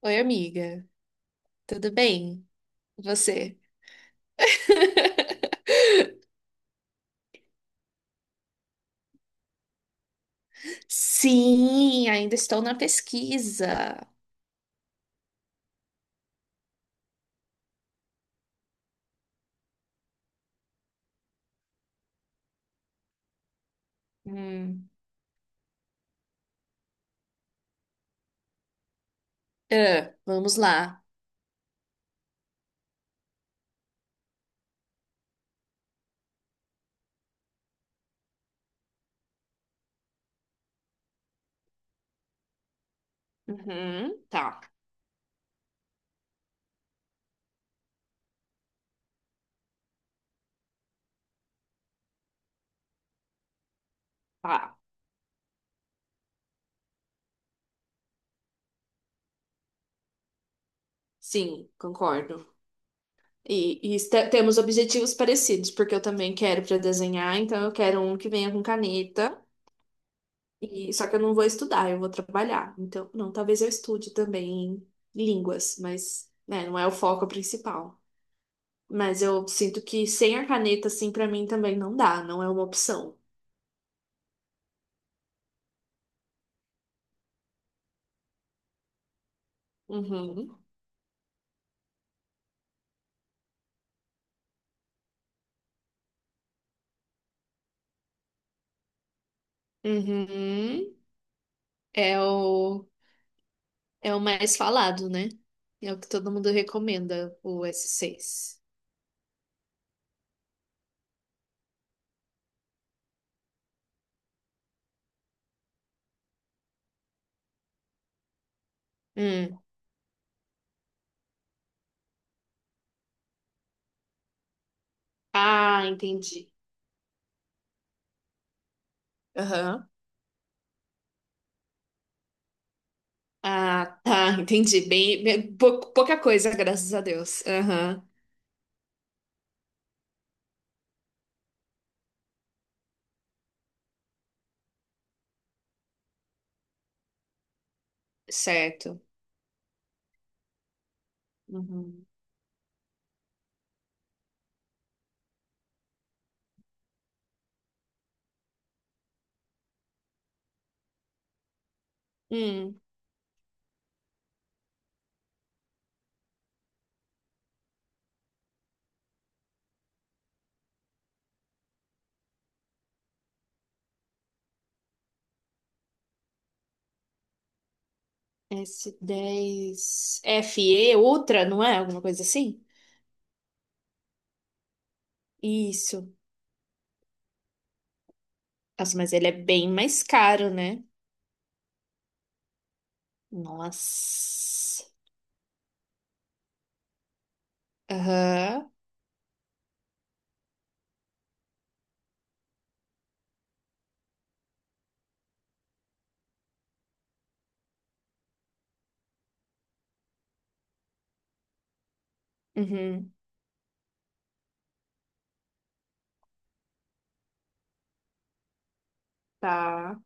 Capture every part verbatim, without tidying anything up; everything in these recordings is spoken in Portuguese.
Oi, amiga. Tudo bem? E você? Sim, ainda estou na pesquisa. Hum. Ah, vamos lá. Uhum, tá, tá. Sim, concordo. E, e este- temos objetivos parecidos, porque eu também quero para desenhar, então eu quero um que venha com caneta. E só que eu não vou estudar, eu vou trabalhar. Então, não, talvez eu estude também línguas, mas né, não é o foco principal. Mas eu sinto que sem a caneta, assim, pra mim também não dá, não é uma opção. Uhum. Uhum. É o, é o mais falado, né? É o que todo mundo recomenda, o s seis. Hum. Ah, entendi. Aham. Ah, tá, entendi. Bem, bem- pou- pouca coisa, graças a Deus. Aham. Certo. Uhum. Hum. S dez. F E, Ultra, não é? Alguma coisa assim? Isso. Nossa, mas ele é bem mais caro, né? Nossa. Aham. Uhum. Tá.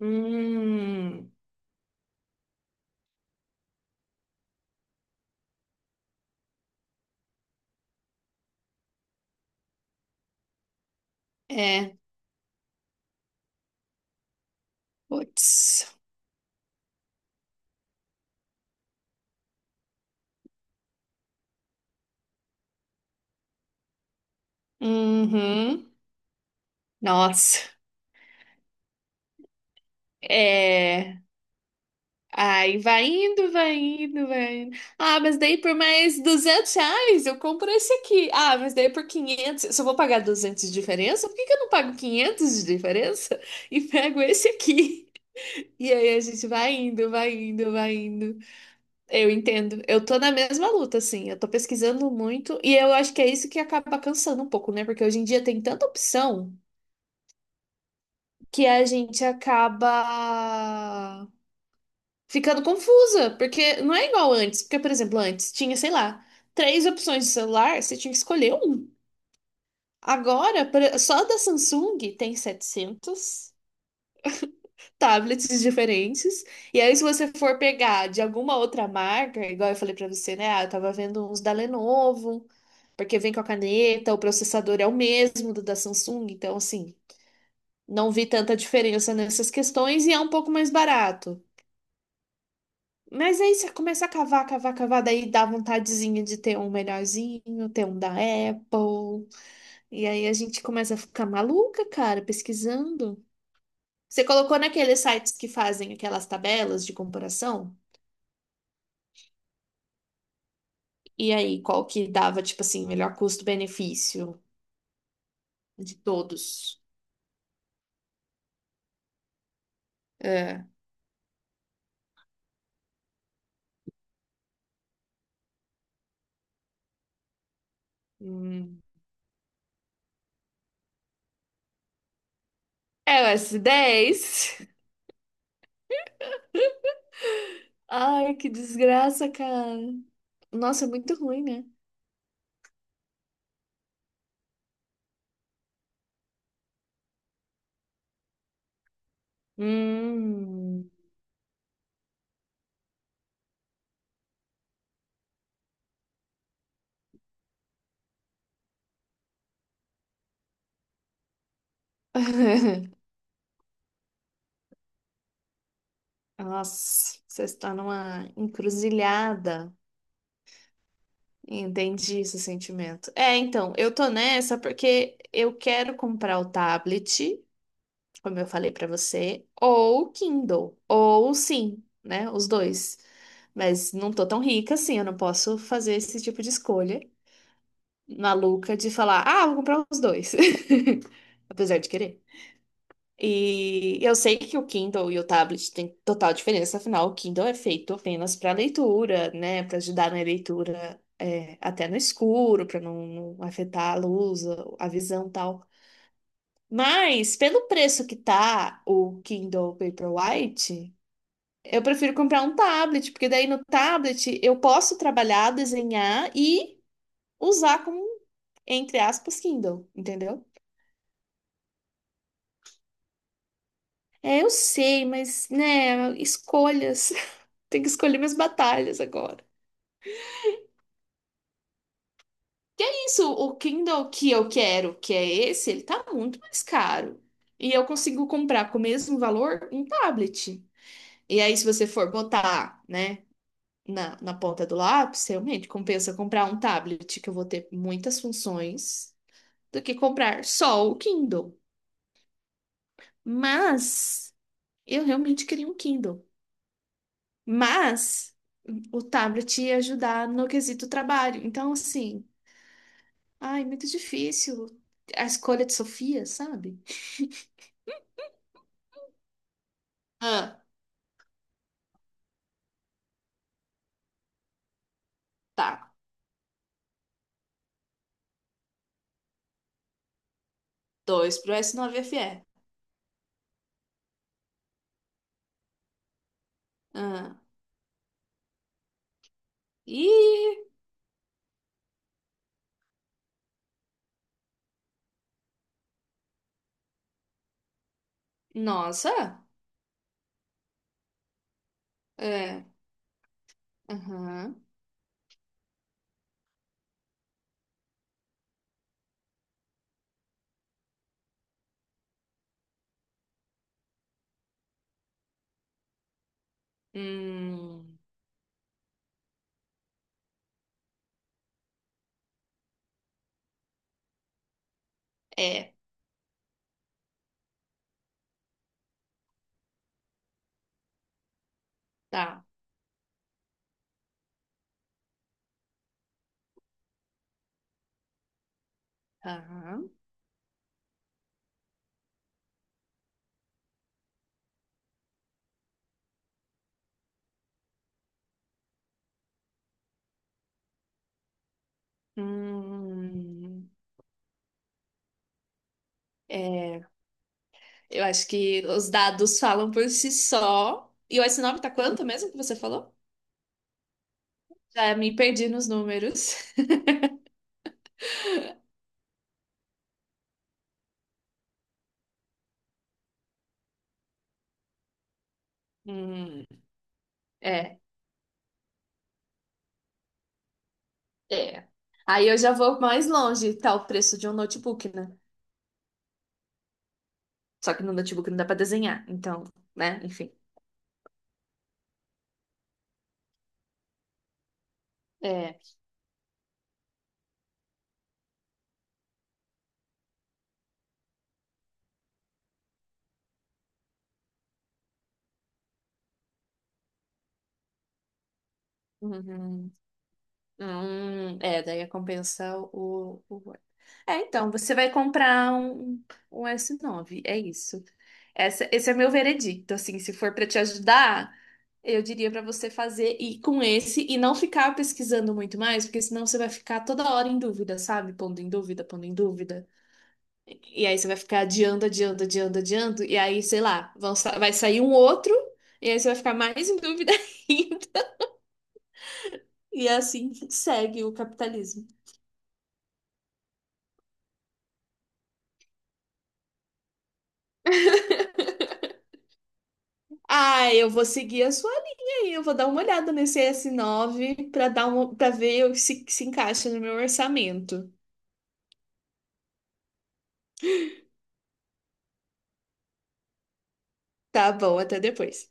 Hum. É. Putz. Uhum. Nossa. É. Ai, vai indo, vai indo, vai indo. Ah, mas daí por mais duzentos reais eu compro esse aqui. Ah, mas daí por quinhentos. Se eu vou pagar duzentos de diferença, por que que eu não pago quinhentos de diferença e pego esse aqui? E aí a gente vai indo, vai indo, vai indo. Eu entendo. Eu tô na mesma luta, assim. Eu tô pesquisando muito e eu acho que é isso que acaba cansando um pouco, né? Porque hoje em dia tem tanta opção que a gente acaba ficando confusa, porque não é igual antes. Porque, por exemplo, antes tinha, sei lá, três opções de celular, você tinha que escolher um. Agora, por- só da Samsung tem setecentos tablets diferentes. E aí, se você for pegar de alguma outra marca, igual eu falei pra você, né? Ah, eu tava vendo uns da Lenovo. Porque vem com a caneta, o processador é o mesmo do da Samsung, então assim, não vi tanta diferença nessas questões e é um pouco mais barato. Mas aí você começa a cavar, cavar, cavar, daí dá vontadezinha de ter um melhorzinho, ter um da Apple. E aí a gente começa a ficar maluca, cara, pesquisando. Você colocou naqueles sites que fazem aquelas tabelas de comparação? E aí, qual que dava, tipo assim, melhor custo-benefício de todos? É. Hum. É o S dez. Ai, que desgraça, cara. Nossa, é muito ruim, né? Hum. Nossa, você está numa encruzilhada. Entendi esse sentimento. É, então, eu tô nessa porque eu quero comprar o tablet, como eu falei pra você, ou o Kindle, ou sim, né? Os dois. Mas não tô tão rica assim, eu não posso fazer esse tipo de escolha maluca de falar, ah, vou comprar os dois. Apesar de querer. E eu sei que o Kindle e o tablet têm total diferença, afinal, o Kindle é feito apenas para leitura, né? Para ajudar na leitura é, até no escuro, para não, não afetar a luz, a visão e tal. Mas, pelo preço que tá o Kindle Paperwhite, eu prefiro comprar um tablet, porque daí no tablet eu posso trabalhar, desenhar e usar como, entre aspas, Kindle, entendeu? É, eu sei, mas, né, escolhas. Tem que escolher minhas batalhas agora. Isso, o Kindle que eu quero, que é esse, ele tá muito mais caro. E eu consigo comprar com o mesmo valor um tablet. E aí, se você for botar, né, na, na ponta do lápis, realmente compensa comprar um tablet que eu vou ter muitas funções do que comprar só o Kindle. Mas eu realmente queria um Kindle. Mas o tablet ia ajudar no quesito trabalho. Então, assim. Ai, muito difícil. A escolha de Sofia, sabe? Ah, tá. Dois pro s nove F fe Ah, e... Nossa. É. Aham. Hum, é. Tá. Aham. Hum, é. Eu acho que os dados falam por si só. E o s nove tá quanto mesmo que você falou? Já me perdi nos números. Hum, é. É. Aí eu já vou mais longe. Tá o preço de um notebook, né? Só que no notebook não dá pra desenhar, então, né? Enfim. É. Uhum. Hum, é, daí compensa o, o Word. É, então, você vai comprar um, um s nove é isso. Essa, esse é meu veredicto, assim, se for para te ajudar, eu diria para você fazer e com esse e não ficar pesquisando muito mais, porque senão você vai ficar toda hora em dúvida, sabe? Pondo em dúvida, pondo em dúvida. E aí você vai ficar adiando, adiando, adiando, adiando. E aí, sei lá, vão sa- vai sair um outro. E aí você vai ficar mais em dúvida ainda. E é assim segue o capitalismo. Ah, eu vou seguir a sua linha aí. Eu vou dar uma olhada nesse s nove para dar uma, para ver se se encaixa no meu orçamento. Tá bom, até depois.